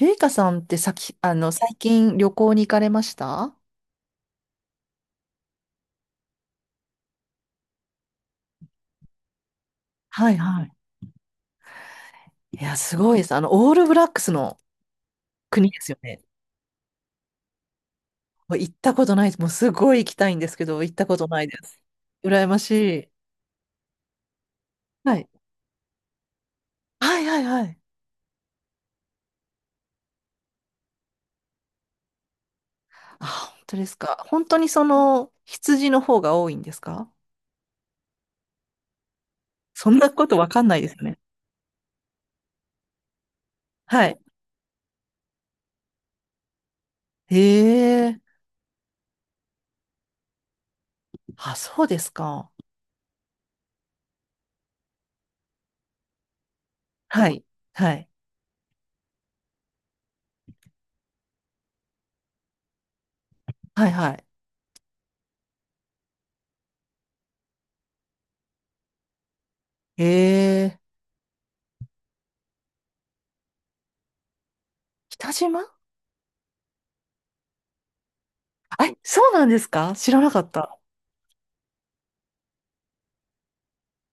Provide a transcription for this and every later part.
ゆいかさんってさき、あの、最近旅行に行かれました？はいはい。いや、すごいです。オールブラックスの国ですよね。もう行ったことないです。もうすごい行きたいんですけど、行ったことないです。羨ましい。はい。はいはいはい。あ、本当ですか。本当に羊の方が多いんですか？そんなことわかんないですよね。はい。へえ。あ、そうですか。はい。はい。はいはい。へえ。北島。あ、そうなんですか、知らなかった。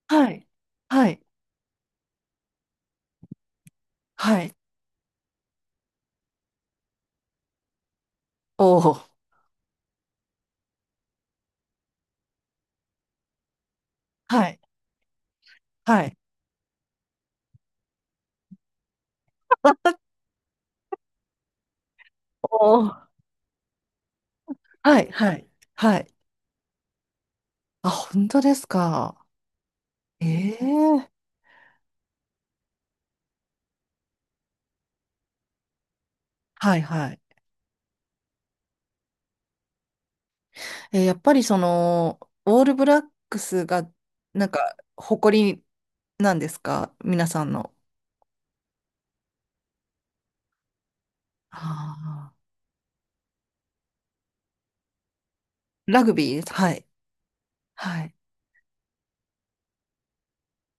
はい。はい。はい。おお。はい。はい。おお。はい。はい。はい。あ、本当ですか。ええ、はい。はい。えー、やっぱりオールブラックスが、誇りなんですか皆さんの？ああ。ラグビーです。はい。はい。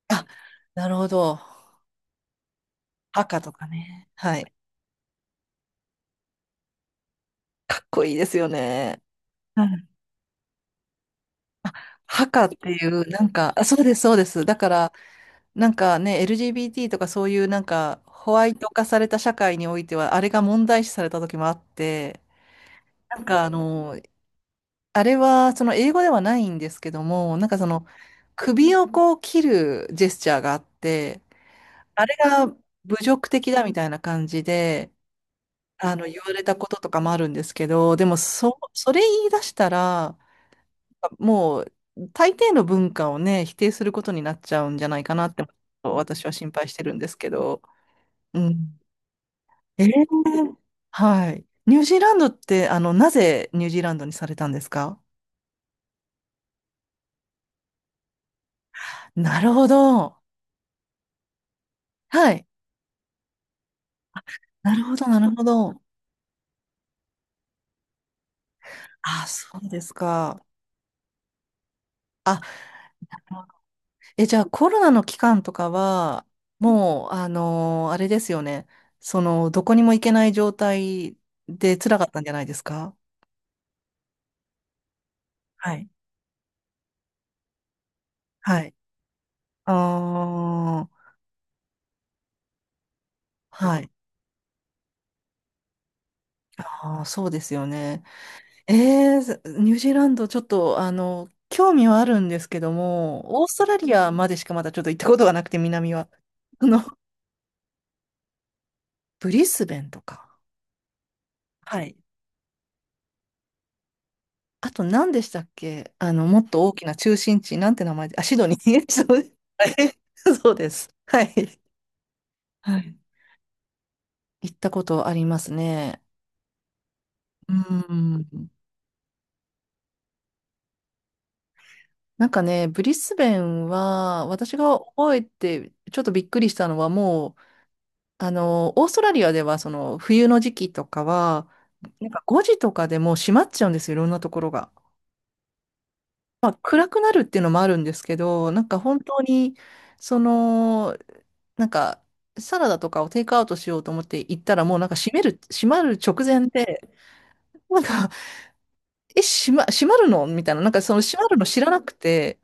あ、なるほど。赤とかね。はい。かっこいいですよね。うん。あ、ハカっていう、あ、そうです、そうです。だから、なんかね、LGBT とかそういうなんかホワイト化された社会においては、あれが問題視された時もあって、なんかあの、あれはその英語ではないんですけども、首をこう切るジェスチャーがあって、あれが侮辱的だみたいな感じで、言われたこととかもあるんですけど、でもそれ言い出したら、もう大抵の文化をね、否定することになっちゃうんじゃないかなって、私は心配してるんですけど。うん、ええ、はい。ニュージーランドって、なぜニュージーランドにされたんですか？なるほど。はい。なるほど、なるほど。あ、そうですか。あ、え、じゃあコロナの期間とかは、もう、あのー、あれですよね。その、どこにも行けない状態で辛かったんじゃないですか？はい。はい。ああ、はい。ああ、そうですよね。えー、ニュージーランド、ちょっと、興味はあるんですけども、オーストラリアまでしかまだちょっと行ったことがなくて、南は。あの、ブリスベンとか。はい。あと、何でしたっけあの、もっと大きな中心地、なんて名前で、あ、シドニー。そうです。はい、そうです。はい。はい。行ったことありますね。うん。なんかね、ブリスベンは、私が覚えて、ちょっとびっくりしたのは、もう、オーストラリアではその冬の時期とかは、なんか5時とかでもう閉まっちゃうんですよ、いろんなところが。まあ、暗くなるっていうのもあるんですけど、なんか本当に、その、なんかサラダとかをテイクアウトしようと思って行ったら、もうなんか閉まる直前で、なんか、え、閉まるのみたいな、なんかその閉まるの知らなくて、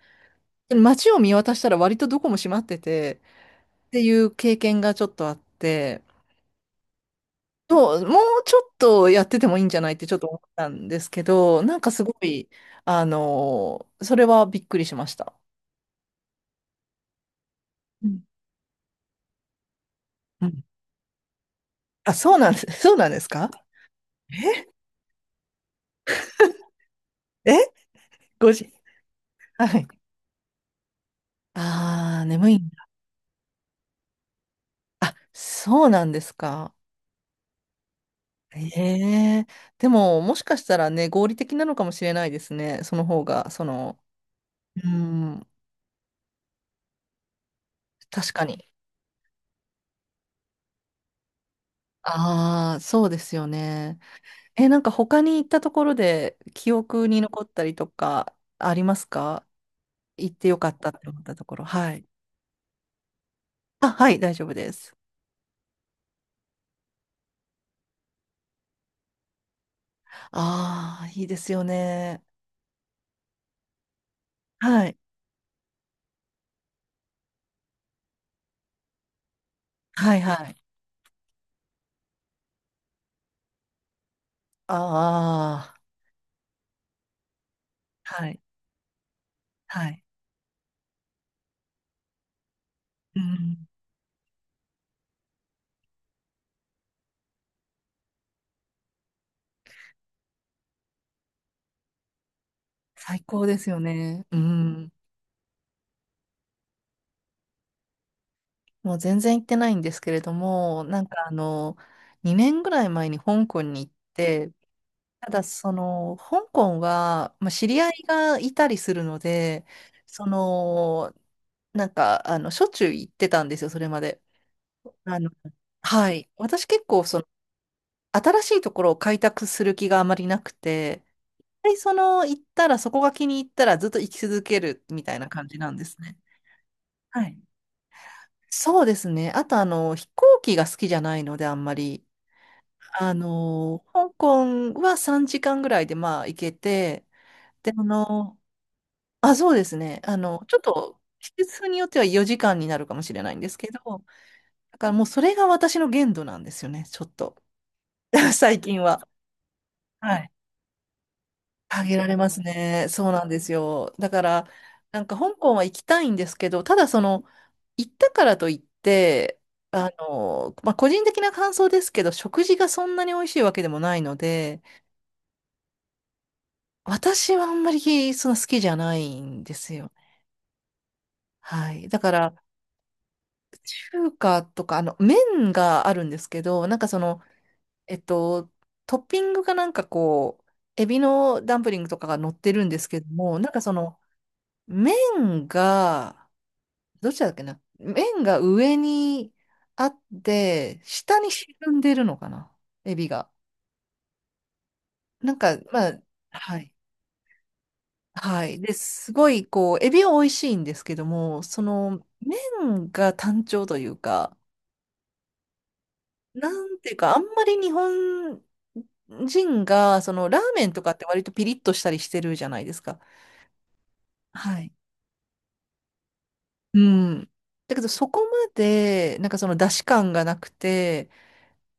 街を見渡したら割とどこも閉まってて、っていう経験がちょっとあって、そう、もうちょっとやっててもいいんじゃないってちょっと思ったんですけど、なんかすごい、あのそれはびっくりしました。うん、うん、あ、そうなんです。そうなんですか？え、え、5時。はい。ああ、眠いんだ。あ、そうなんですか。ええ、でも、もしかしたらね、合理的なのかもしれないですね。その方が、うん、確かに。ああ、そうですよね。え、なんか他に行ったところで記憶に残ったりとかありますか？行ってよかったって思ったところ。はい。あ、はい、大丈夫です。ああ、いいですよね。はい。はい、はい。ああ、はい、はい。うん。最高ですよね。うん。もう全然行ってないんですけれども、2年ぐらい前に香港に行って、ただその、香港は、まあ、知り合いがいたりするので、その、しょっちゅう行ってたんですよ、それまで。あの、はい。私結構、新しいところを開拓する気があまりなくて、で、その、行ったら、そこが気に入ったらずっと行き続けるみたいな感じなんですね。はい。そうですね。あと、飛行機が好きじゃないので、あんまり。香港は3時間ぐらいで、まあ、行けて、で、あ、そうですね。ちょっと、季節によっては4時間になるかもしれないんですけど、だからもうそれが私の限度なんですよね、ちょっと。最近は。はい。あげられますね。そうなんですよ。だから、なんか香港は行きたいんですけど、ただその、行ったからといって、まあ、個人的な感想ですけど、食事がそんなに美味しいわけでもないので、私はあんまりそんな好きじゃないんですよね。はい。だから、中華とか、麺があるんですけど、えっと、トッピングがなんかこう、エビのダンプリングとかが乗ってるんですけども、麺が、どっちだっけな、麺が上にあって、下に沈んでるのかな、エビが。なんか、まあ、はい。はい。で、すごい、こう、エビは美味しいんですけども、その、麺が単調というか、なんていうか、あんまり日本人が、その、ラーメンとかって割とピリッとしたりしてるじゃないですか。はい。うん。だけどそこまで、なんかその出汁感がなくて、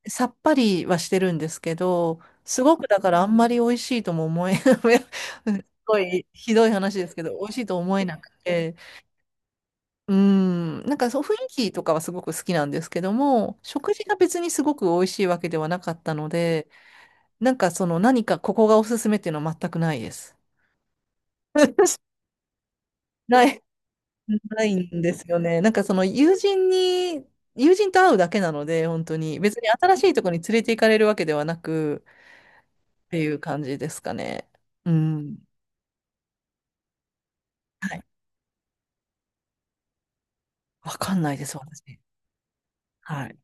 さっぱりはしてるんですけど、すごくだからあんまり美味しいとも思え、うん、すごいひどい話ですけど、美味しいと思えなくて、うん、なんかそう雰囲気とかはすごく好きなんですけども、食事が別にすごく美味しいわけではなかったので、なんかその何かここがおすすめっていうのは全くないです。ない。ないんですよね。友人と会うだけなので、本当に。別に新しいところに連れて行かれるわけではなく、っていう感じですかね。うん。はい。わかんないです、私。はい。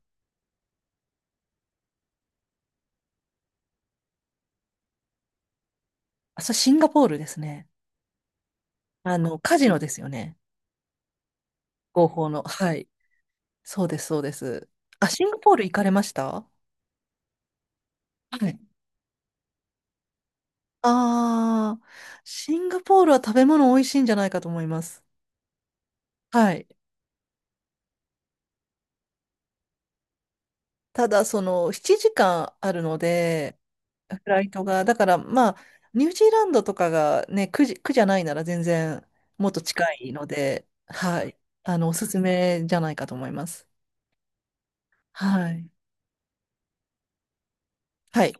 あ、それシンガポールですね。カジノですよね。合法の。はい。そうです、そうです。あ、シンガポール行かれました？はい。ああ、シンガポールは食べ物美味しいんじゃないかと思います。はい。ただ、その、7時間あるので、フライトが、だからまあ、ニュージーランドとかがね、苦じゃないなら全然もっと近いので、はい。おすすめじゃないかと思います。はい。はい。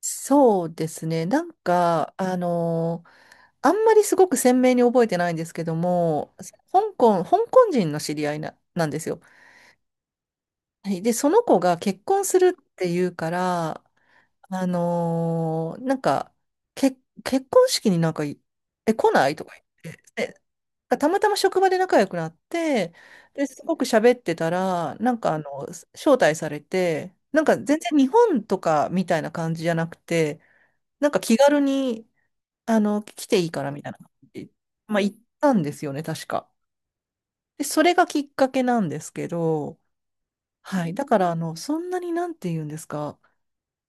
そうですね。なんか、あのー、あんまりすごく鮮明に覚えてないんですけども、香港、香港人の知り合いな、なんですよ。はい。で、その子が結婚するっていうから、あのー、なんか、け、結婚式になんかい、え、来ないとか言って。でたまたま職場で仲良くなって、で、すごく喋ってたら、招待されて、なんか全然日本とかみたいな感じじゃなくて、なんか気軽に、来ていいからみたいな感じ。まあ、行ったんですよね、確か。で、それがきっかけなんですけど、はい。だから、そんなになんて言うんですか、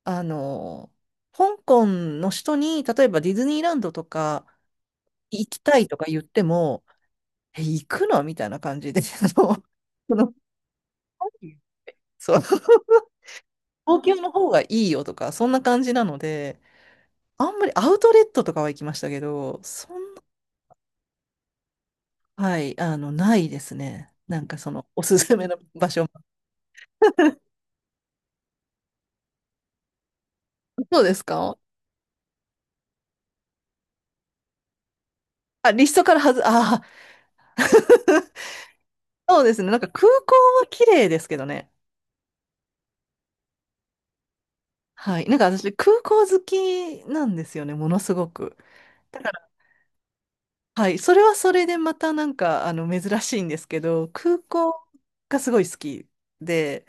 あの、香港の人に、例えばディズニーランドとか行きたいとか言っても、え、行くのみたいな感じで、あの、そのそう、東京の方がいいよとか、そんな感じなので、あんまりアウトレットとかは行きましたけど、そんな、はい、ないですね。なんかその、おすすめの場所。そうですか？あ、リストからはず、ああ、そうですね。なんか空港は綺麗ですけどね。はい。なんか私、空港好きなんですよね、ものすごく。だから、はい。それはそれでまたなんか、珍しいんですけど、空港がすごい好きで、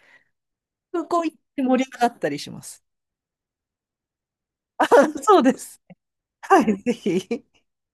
空港行って盛り上がったりします。あ、そうです。はい、ぜひ。